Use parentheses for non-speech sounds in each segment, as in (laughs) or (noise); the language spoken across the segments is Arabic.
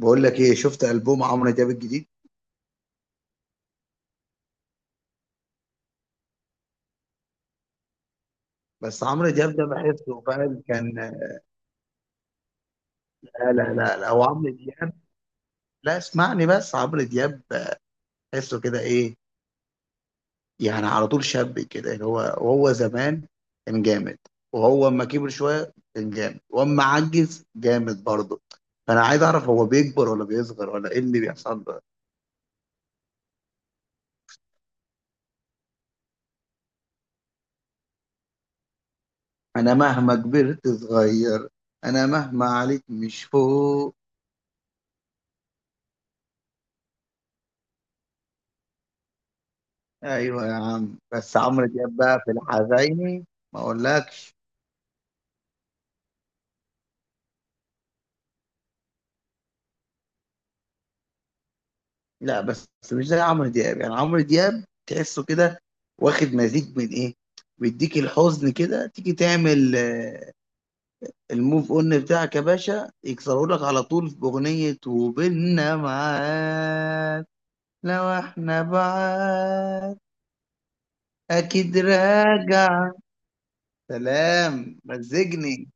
بقول لك ايه؟ شفت البوم عمرو دياب الجديد؟ بس عمرو دياب ده بحسه فعلا كان. لا لا لا لا، هو عمرو دياب. لا، اسمعني، بس عمرو دياب بحسه كده ايه؟ يعني على طول شاب كده، اللي هو وهو زمان كان جامد. وهو اما كبر شويه كان جامد، واما عجز جامد برضه. فانا عايز اعرف، هو بيكبر ولا بيصغر ولا ايه اللي بيحصل له؟ انا مهما كبرت صغير. انا مهما عليك مش فوق. ايوه يا عم، بس عمرو دياب بقى في الحزيني. ما اقولكش. لا، بس مش زي عمرو دياب، يعني عمرو دياب تحسه كده، واخد مزيج من ايه. بيديك الحزن كده، تيجي تعمل الموف اون بتاعك يا باشا يكسروا لك على طول في اغنية وبيننا معاد. لو احنا بعاد، اكيد راجع. سلام مزجني.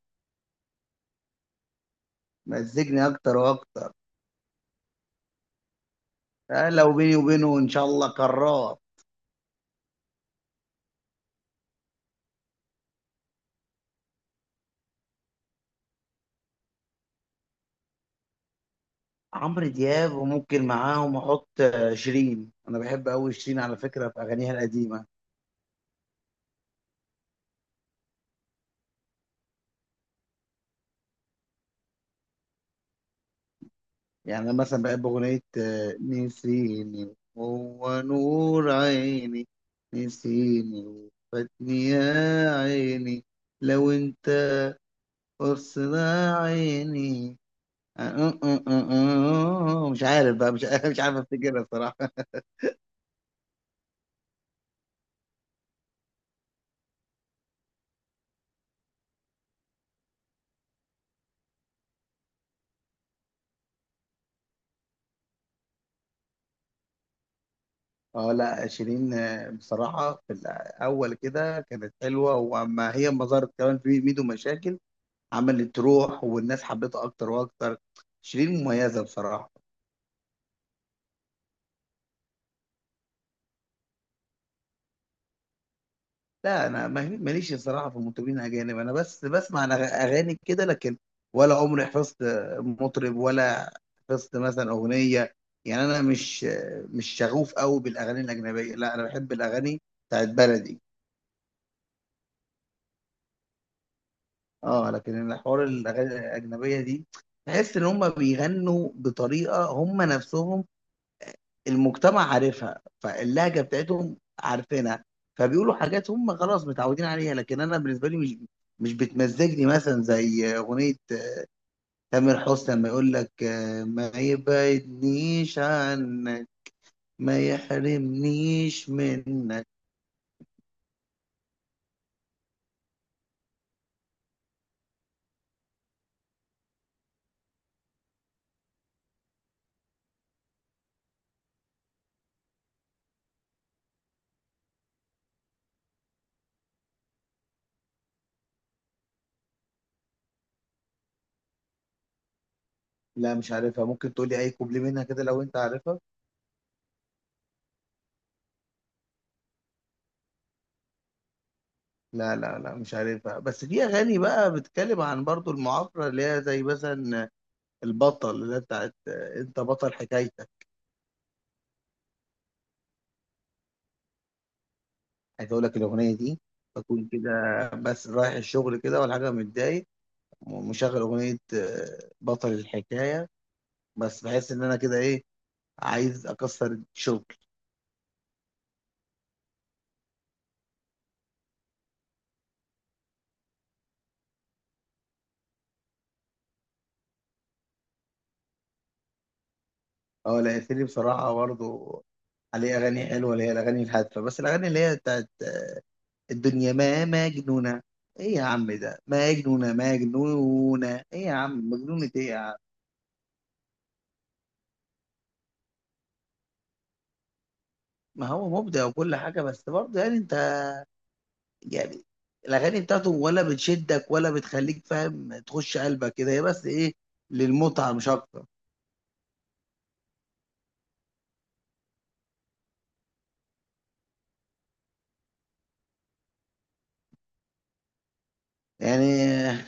مزجني اكتر واكتر. لو بيني وبينه ان شاء الله كرار. عمرو دياب، وممكن معاهم احط شيرين. انا بحب قوي شيرين، على فكره، في اغانيها القديمه. يعني انا مثلا بحب اغنيه نسيني هو نور عيني، نسيني وفاتني يا عيني، لو انت قصنا عيني. مش عارف بقى، مش (laughs) مش عارف افتكرها بصراحه. اه، لا، شيرين بصراحه في الاول كده كانت حلوه، واما هي ما ظهرت كمان في ميدو مشاكل، عملت روح والناس حبيتها اكتر واكتر. شيرين مميزه بصراحه. لا انا ماليش بصراحه في المطربين الاجانب. انا بس بسمع أنا اغاني كده، لكن ولا عمري حفظت مطرب، ولا حفظت مثلا اغنيه. يعني انا مش شغوف قوي بالاغاني الاجنبيه. لا، انا بحب الاغاني بتاعت بلدي. اه، لكن الحوار الاغاني الاجنبيه دي، تحس ان هم بيغنوا بطريقه هم نفسهم، المجتمع عارفها، فاللهجه بتاعتهم عارفينها، فبيقولوا حاجات هم خلاص متعودين عليها. لكن انا بالنسبه لي مش بتمزجني. مثلا زي اغنيه تامر حسني، لما يقول لك ما يبعدنيش عنك، ما يحرمنيش منك. لا مش عارفها. ممكن تقولي اي كوبلي منها كده، لو انت عارفها. لا لا لا مش عارفها. بس في اغاني بقى بتتكلم عن برضو المعافرة، اللي هي زي مثلا البطل، اللي هي بتاعت انت بطل حكايتك. عايز اقول لك الاغنيه دي بكون كده، بس رايح الشغل كده ولا حاجه متضايق، ومشغل اغنيه بطل الحكايه. بس بحس ان انا كده ايه، عايز اكسر الشغل. اه لا ياسيري بصراحه برضه، عليه اغاني حلوه اللي هي الاغاني الهادفه. بس الاغاني اللي هي بتاعت الدنيا ما مجنونه، ايه يا عم ده؟ مجنونه مجنونه ايه يا عم؟ مجنونه ايه يا عم؟ ما هو مبدع وكل حاجه. بس برضه يعني انت يعني، الاغاني بتاعته ولا بتشدك ولا بتخليك فاهم تخش قلبك كده، هي بس ايه، للمتعه مش اكتر. يعني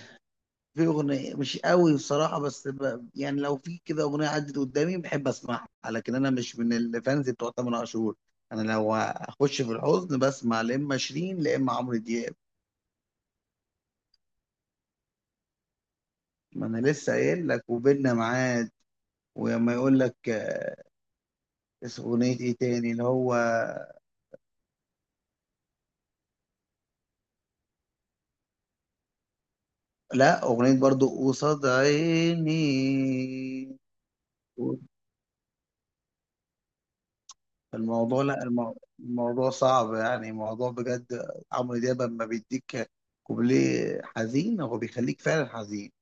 في اغنيه مش قوي بصراحه، بس يعني لو في كده اغنيه عدت قدامي بحب اسمعها. لكن انا مش من الفانز بتوع تامر عاشور. انا لو اخش في الحزن بسمع، لا اما شيرين لا اما عمرو دياب. ما انا لسه قايل لك، وبيننا ميعاد. وما يقول لك اسم اغنيه ايه تاني اللي هو. لا اغنيه برضو قصاد عيني. الموضوع، لا، الموضوع صعب. يعني موضوع بجد. عمرو دياب لما بيديك كوبليه حزين، هو بيخليك فعلا حزين.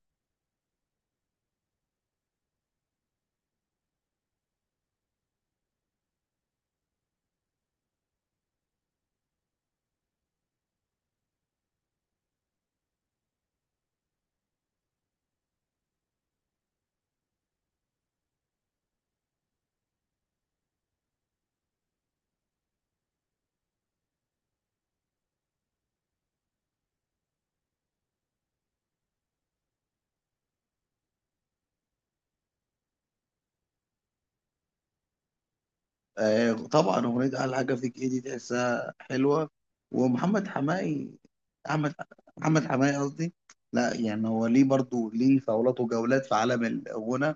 آه طبعا، اغنيه اعلى حاجه فيك ايه دي تحسها حلوه. ومحمد حماقي، احمد، محمد حماقي قصدي. لا يعني هو ليه برضو، ليه فولات وجولات في عالم الغنى.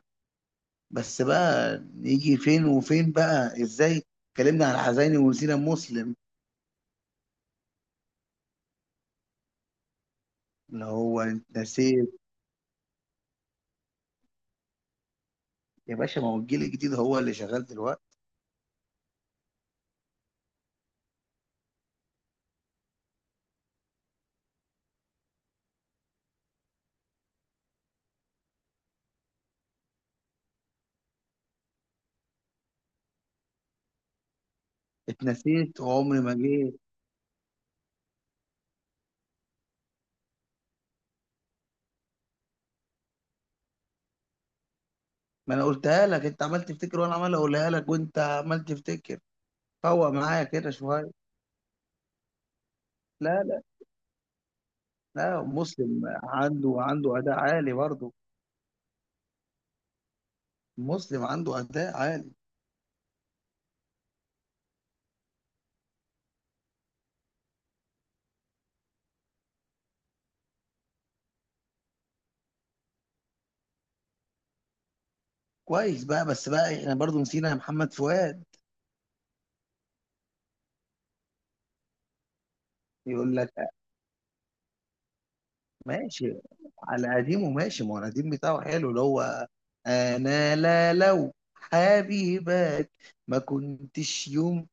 بس بقى نيجي فين وفين بقى ازاي؟ اتكلمنا عن حزيني ونسينا مسلم، اللي هو انت نسيت. يا باشا، ما هو الجيل الجديد هو اللي شغال دلوقتي. اتنسيت وعمري ما جيت. ما انا قلتها لك، انت عمال تفتكر وانا عمال اقولها لك وانت عمال تفتكر. فوق معايا كده شويه. لا لا لا، مسلم عنده اداء عالي برضه. مسلم عنده اداء عالي. كويس بقى، بس بقى احنا برضه نسينا محمد فؤاد. يقول لك ماشي. على قديمه ماشي، ما هو القديم بتاعه حلو. اللي هو انا، لا لو حبيبك ما كنتش يوم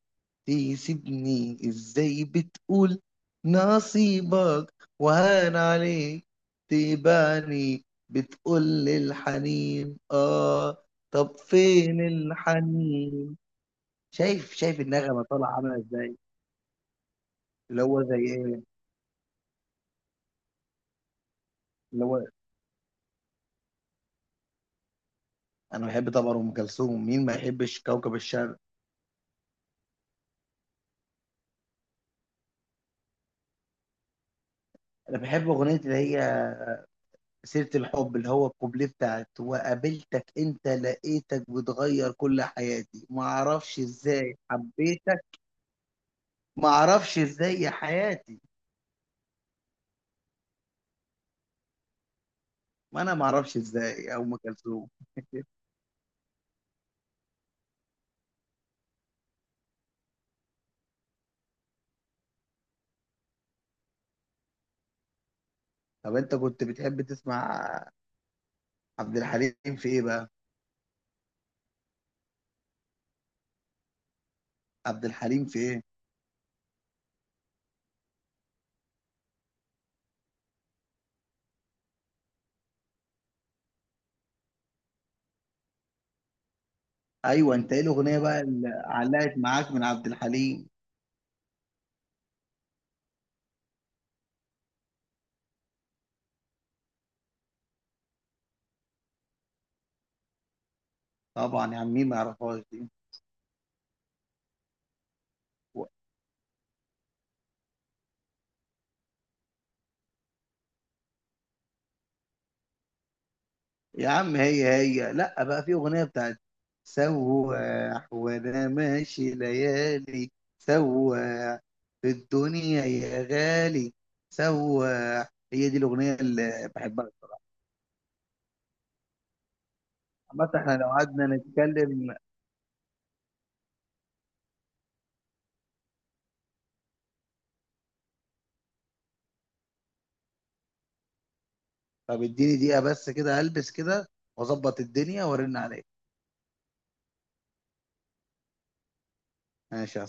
تسيبني، ازاي بتقول نصيبك وهان عليك تبعني؟ بتقول الحنين، اه. طب فين الحنين؟ شايف شايف النغمة طالعة عاملة ازاي. اللي هو زي ايه، اللي هو، انا بحب طبعا ام كلثوم، مين ما يحبش كوكب الشرق. انا بحب اغنية اللي هي سيرة الحب، اللي هو الكوبليه بتاعت: وقابلتك انت لقيتك بتغير كل حياتي، ما اعرفش ازاي حبيتك، ما اعرفش ازاي يا حياتي. ما انا ما اعرفش ازاي يا ام كلثوم (laughs) طب انت كنت بتحب تسمع عبد الحليم في ايه بقى؟ عبد الحليم في ايه؟ ايوه، انت ايه الاغنيه بقى اللي علقت معاك من عبد الحليم؟ طبعا يا عم، مين ما يعرفهاش دي. و- يا عم، هي هي لا بقى. في اغنيه بتاعت سواح وانا ماشي ليالي، سواح، في الدنيا يا غالي، سواح، هي دي الاغنيه اللي بحبها. عامة احنا لو قعدنا نتكلم. طب اديني دقيقة بس كده، البس كده واظبط الدنيا ورن عليك. ماشي يا